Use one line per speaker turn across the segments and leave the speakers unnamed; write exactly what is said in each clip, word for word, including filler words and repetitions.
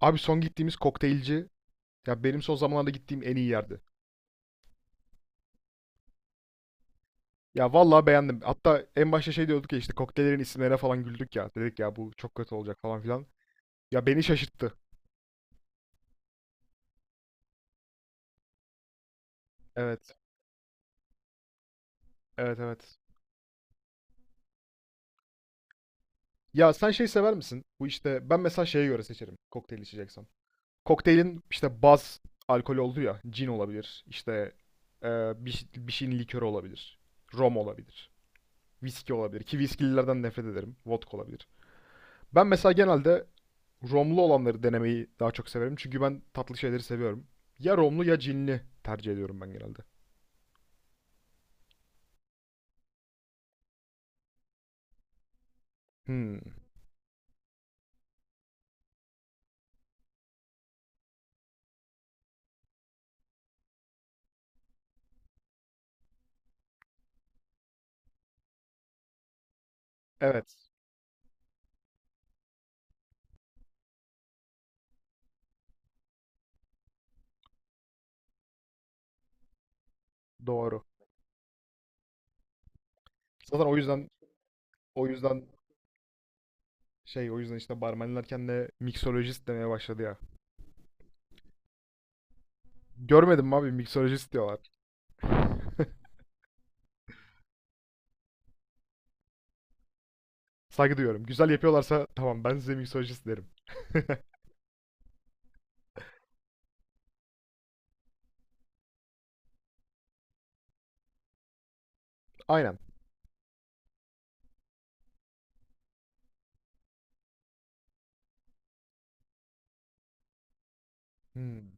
Abi son gittiğimiz kokteylci ya benim son zamanlarda gittiğim en iyi yerdi. Ya vallahi beğendim. Hatta en başta şey diyorduk ya işte kokteyllerin isimlerine falan güldük ya. Dedik ya bu çok kötü olacak falan filan. Ya beni şaşırttı. Evet. Evet evet. Ya sen şey sever misin? Bu işte ben mesela şeye göre seçerim kokteyl içeceksem. Kokteylin işte baz alkol olduğu ya. Cin olabilir. İşte e, bir, şey- bir şeyin likörü olabilir. Rom olabilir. Viski olabilir. Ki viskililerden nefret ederim. Vodka olabilir. Ben mesela genelde romlu olanları denemeyi daha çok severim. Çünkü ben tatlı şeyleri seviyorum. Ya romlu ya cinli tercih ediyorum ben genelde. Hmm. Evet. Doğru. Zaten o yüzden o yüzden şey o yüzden işte barmenler kendine miksolojist demeye başladı ya. Görmedim mi abi miksolojist diyorlar. Saygı duyuyorum. Güzel yapıyorlarsa tamam ben size miksolojist derim. Aynen. Hmm.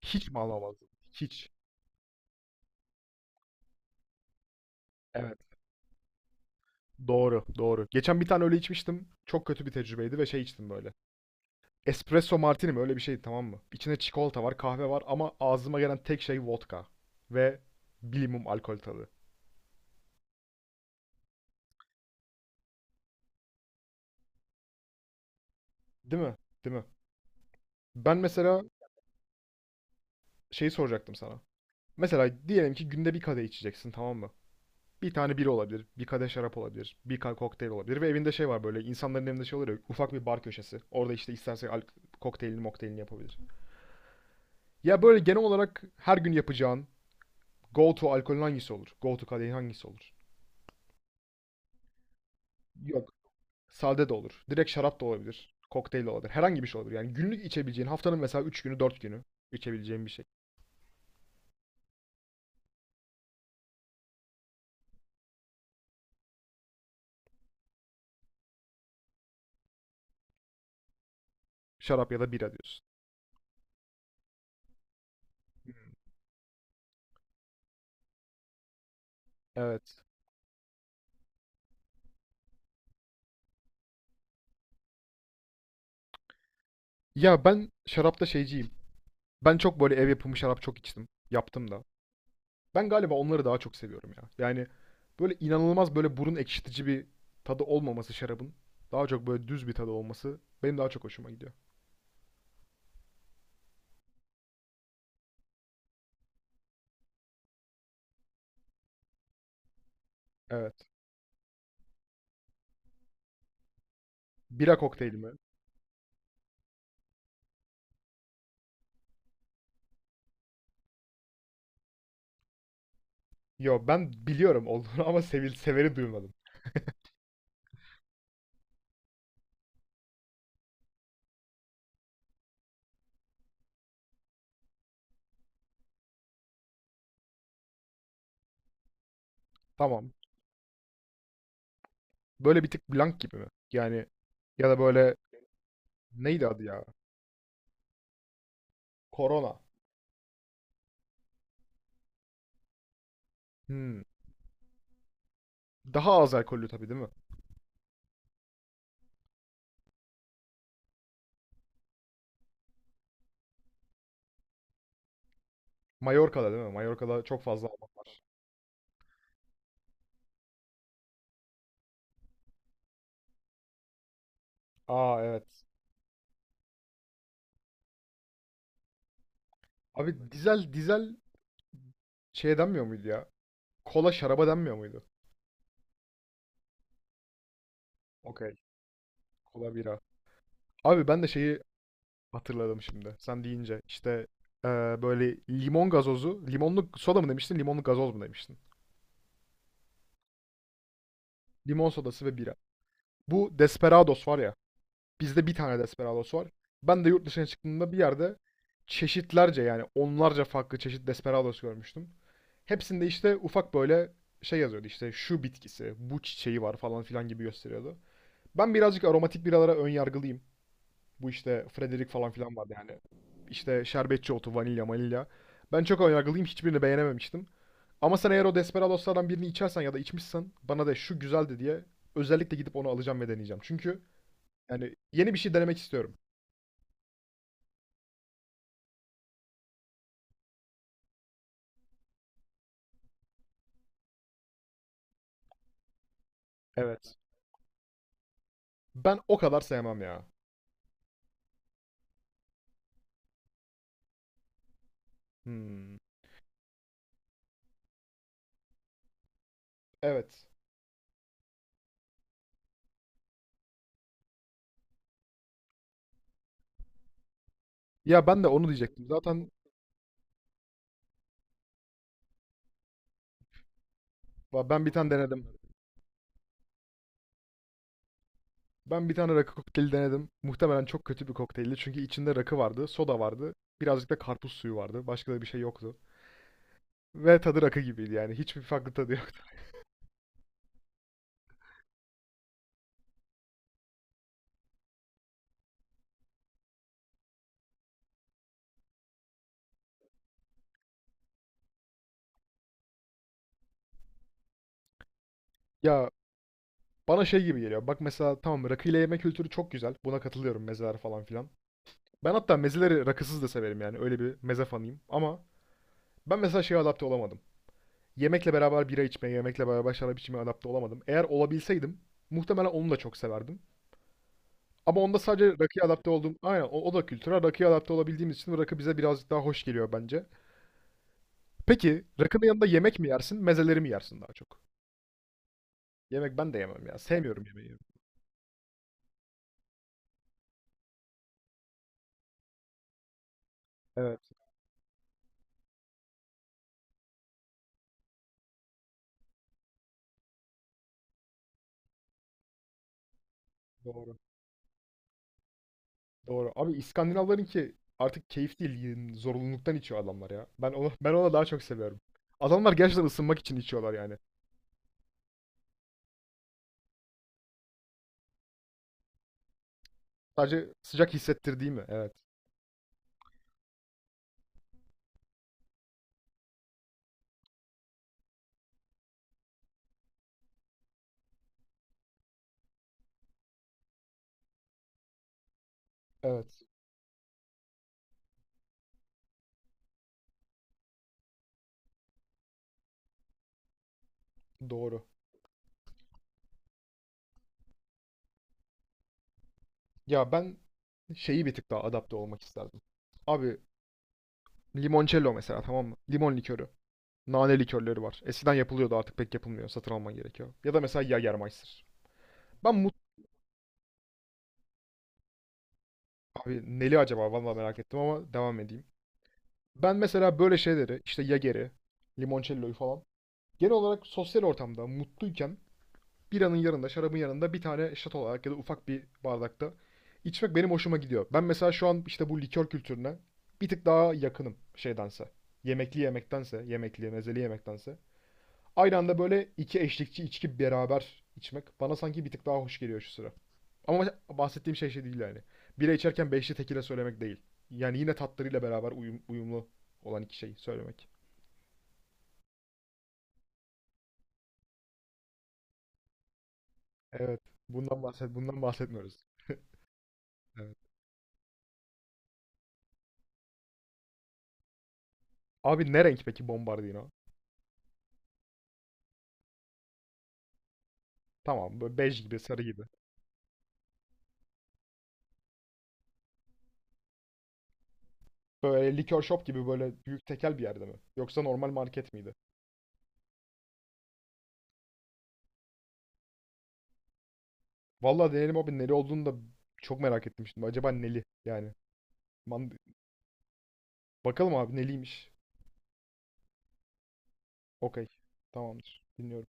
Hiç mi alamazdım? Hiç. Evet. Doğru, doğru. Geçen bir tane öyle içmiştim. Çok kötü bir tecrübeydi ve şey içtim böyle. Espresso martini mi? Öyle bir şeydi, tamam mı? İçinde çikolata var, kahve var ama ağzıma gelen tek şey vodka. Ve bilimum alkol tadı. Değil mi? Değil mi? Ben mesela şeyi soracaktım sana. Mesela diyelim ki günde bir kadeh içeceksin tamam mı? Bir tane biri olabilir, bir kadeh şarap olabilir, bir ka- kokteyl olabilir ve evinde şey var böyle insanların evinde şey olur ya ufak bir bar köşesi. Orada işte isterse al- kokteylini mokteylini yapabilir. Ya böyle genel olarak her gün yapacağın go to alkolün hangisi olur? Go to kadehin hangisi olur? Yok. Sade de olur. Direkt şarap da olabilir. Kokteyl de olabilir. Herhangi bir şey olabilir. Yani günlük içebileceğin haftanın mesela üç günü dört günü içebileceğin bir şey. Şarap ya da bira diyorsun. Evet. Ya ben şarapta şeyciyim. Ben çok böyle ev yapımı şarap çok içtim. Yaptım da. Ben galiba onları daha çok seviyorum ya. Yani böyle inanılmaz böyle burun ekşitici bir tadı olmaması şarabın. Daha çok böyle düz bir tadı olması benim daha çok hoşuma gidiyor. Evet. Bira kokteyli mi? Yo ben biliyorum olduğunu ama sevil severi duymadım. Tamam. Böyle bir tık blank gibi mi? Yani ya da böyle neydi adı ya? Corona. Hmm. Daha az alkollü tabii değil mi? Mallorca'da değil mi? Mallorca'da çok fazla almak var. Aa evet. Abi dizel dizel şeye denmiyor muydu ya? Kola şaraba denmiyor muydu? Okey. Kola bira. Abi ben de şeyi hatırladım şimdi. Sen deyince işte eee, böyle limon gazozu, limonlu soda mı demiştin, limonlu gazoz mu demiştin? Limon sodası ve bira. Bu Desperados var ya. Bizde bir tane Desperados var. Ben de yurt dışına çıktığımda bir yerde çeşitlerce yani onlarca farklı çeşit Desperados görmüştüm. Hepsinde işte ufak böyle şey yazıyordu işte şu bitkisi, bu çiçeği var falan filan gibi gösteriyordu. Ben birazcık aromatik biralara ön yargılıyım. Bu işte Frederick falan filan vardı yani. İşte şerbetçi otu, vanilya, vanilya. Ben çok önyargılıyım. Hiçbirini beğenememiştim. Ama sen eğer o Desperados'lardan birini içersen ya da içmişsen bana de şu güzeldi diye özellikle gidip onu alacağım ve deneyeceğim. Çünkü yani yeni bir şey denemek istiyorum. Evet. Ben o kadar sevmem ya. Hmm. Evet. Ya ben de onu diyecektim. Zaten va- ben bir tane denedim. Ben bir tane rakı kokteyli denedim. Muhtemelen çok kötü bir kokteyldi. Çünkü içinde rakı vardı, soda vardı. Birazcık da karpuz suyu vardı. Başka da bir şey yoktu. Ve tadı rakı gibiydi yani. Hiçbir farklı tadı yok. Ya bana şey gibi geliyor. Bak mesela tamam rakıyla yemek kültürü çok güzel. Buna katılıyorum mezeler falan filan. Ben hatta mezeleri rakısız da severim yani. Öyle bir meze fanıyım. Ama ben mesela şeye adapte olamadım. Yemekle beraber bira içmeye, yemekle beraber şarap içmeye adapte olamadım. Eğer olabilseydim muhtemelen onu da çok severdim. Ama onda sadece rakıya adapte olduğum, aynen o, o da kültüre rakıya adapte olabildiğimiz için rakı bize birazcık daha hoş geliyor bence. Peki rakının yanında yemek mi yersin, mezeleri mi yersin daha çok? Yemek ben de yemem ya. Sevmiyorum yemeği. Evet, doğru. Doğru. Abi İskandinavların ki artık keyif değil, y- zorunluluktan içiyor adamlar ya. Ben onu ben ona daha çok seviyorum. Adamlar gerçekten ısınmak için içiyorlar yani. Sadece sıcak hissettirdiği mi? Evet. Evet. Doğru. Ya ben şeyi bir tık daha adapte olmak isterdim. Abi limoncello mesela tamam mı? Limon likörü. Nane likörleri var. Eskiden yapılıyordu artık pek yapılmıyor. Satın alman gerekiyor. Ya da mesela Jägermeister. Ben mut... Abi neli acaba? Vallahi merak ettim ama devam edeyim. Ben mesela böyle şeyleri işte Jager'i, limoncello'yu falan genel olarak sosyal ortamda mutluyken biranın yanında, şarabın yanında bir tane şat olarak ya da ufak bir bardakta içmek benim hoşuma gidiyor. Ben mesela şu an işte bu likör kültürüne bir tık daha yakınım şeydense. Yemekli yemektense, yemekli, mezeli yemektense. Aynı anda böyle iki eşlikçi içki beraber içmek bana sanki bir tık daha hoş geliyor şu sıra. Ama bahsettiğim şey şey değil yani. Bira içerken beşli tekile söylemek değil. Yani yine tatlarıyla beraber uyum- uyumlu olan iki şey söylemek. Evet. Bundan bahset bundan bahsetmiyoruz. Evet. Abi ne renk peki Bombardino? Tamam böyle bej gibi, sarı gibi. Böyle likör shop gibi böyle büyük tekel bir yerde mi? Yoksa normal market miydi? Vallahi deneyelim abi neli olduğunu da çok merak ettim şimdi. Acaba neli yani. Man- Bakalım abi neliymiş. Okey. Tamamdır. Dinliyorum.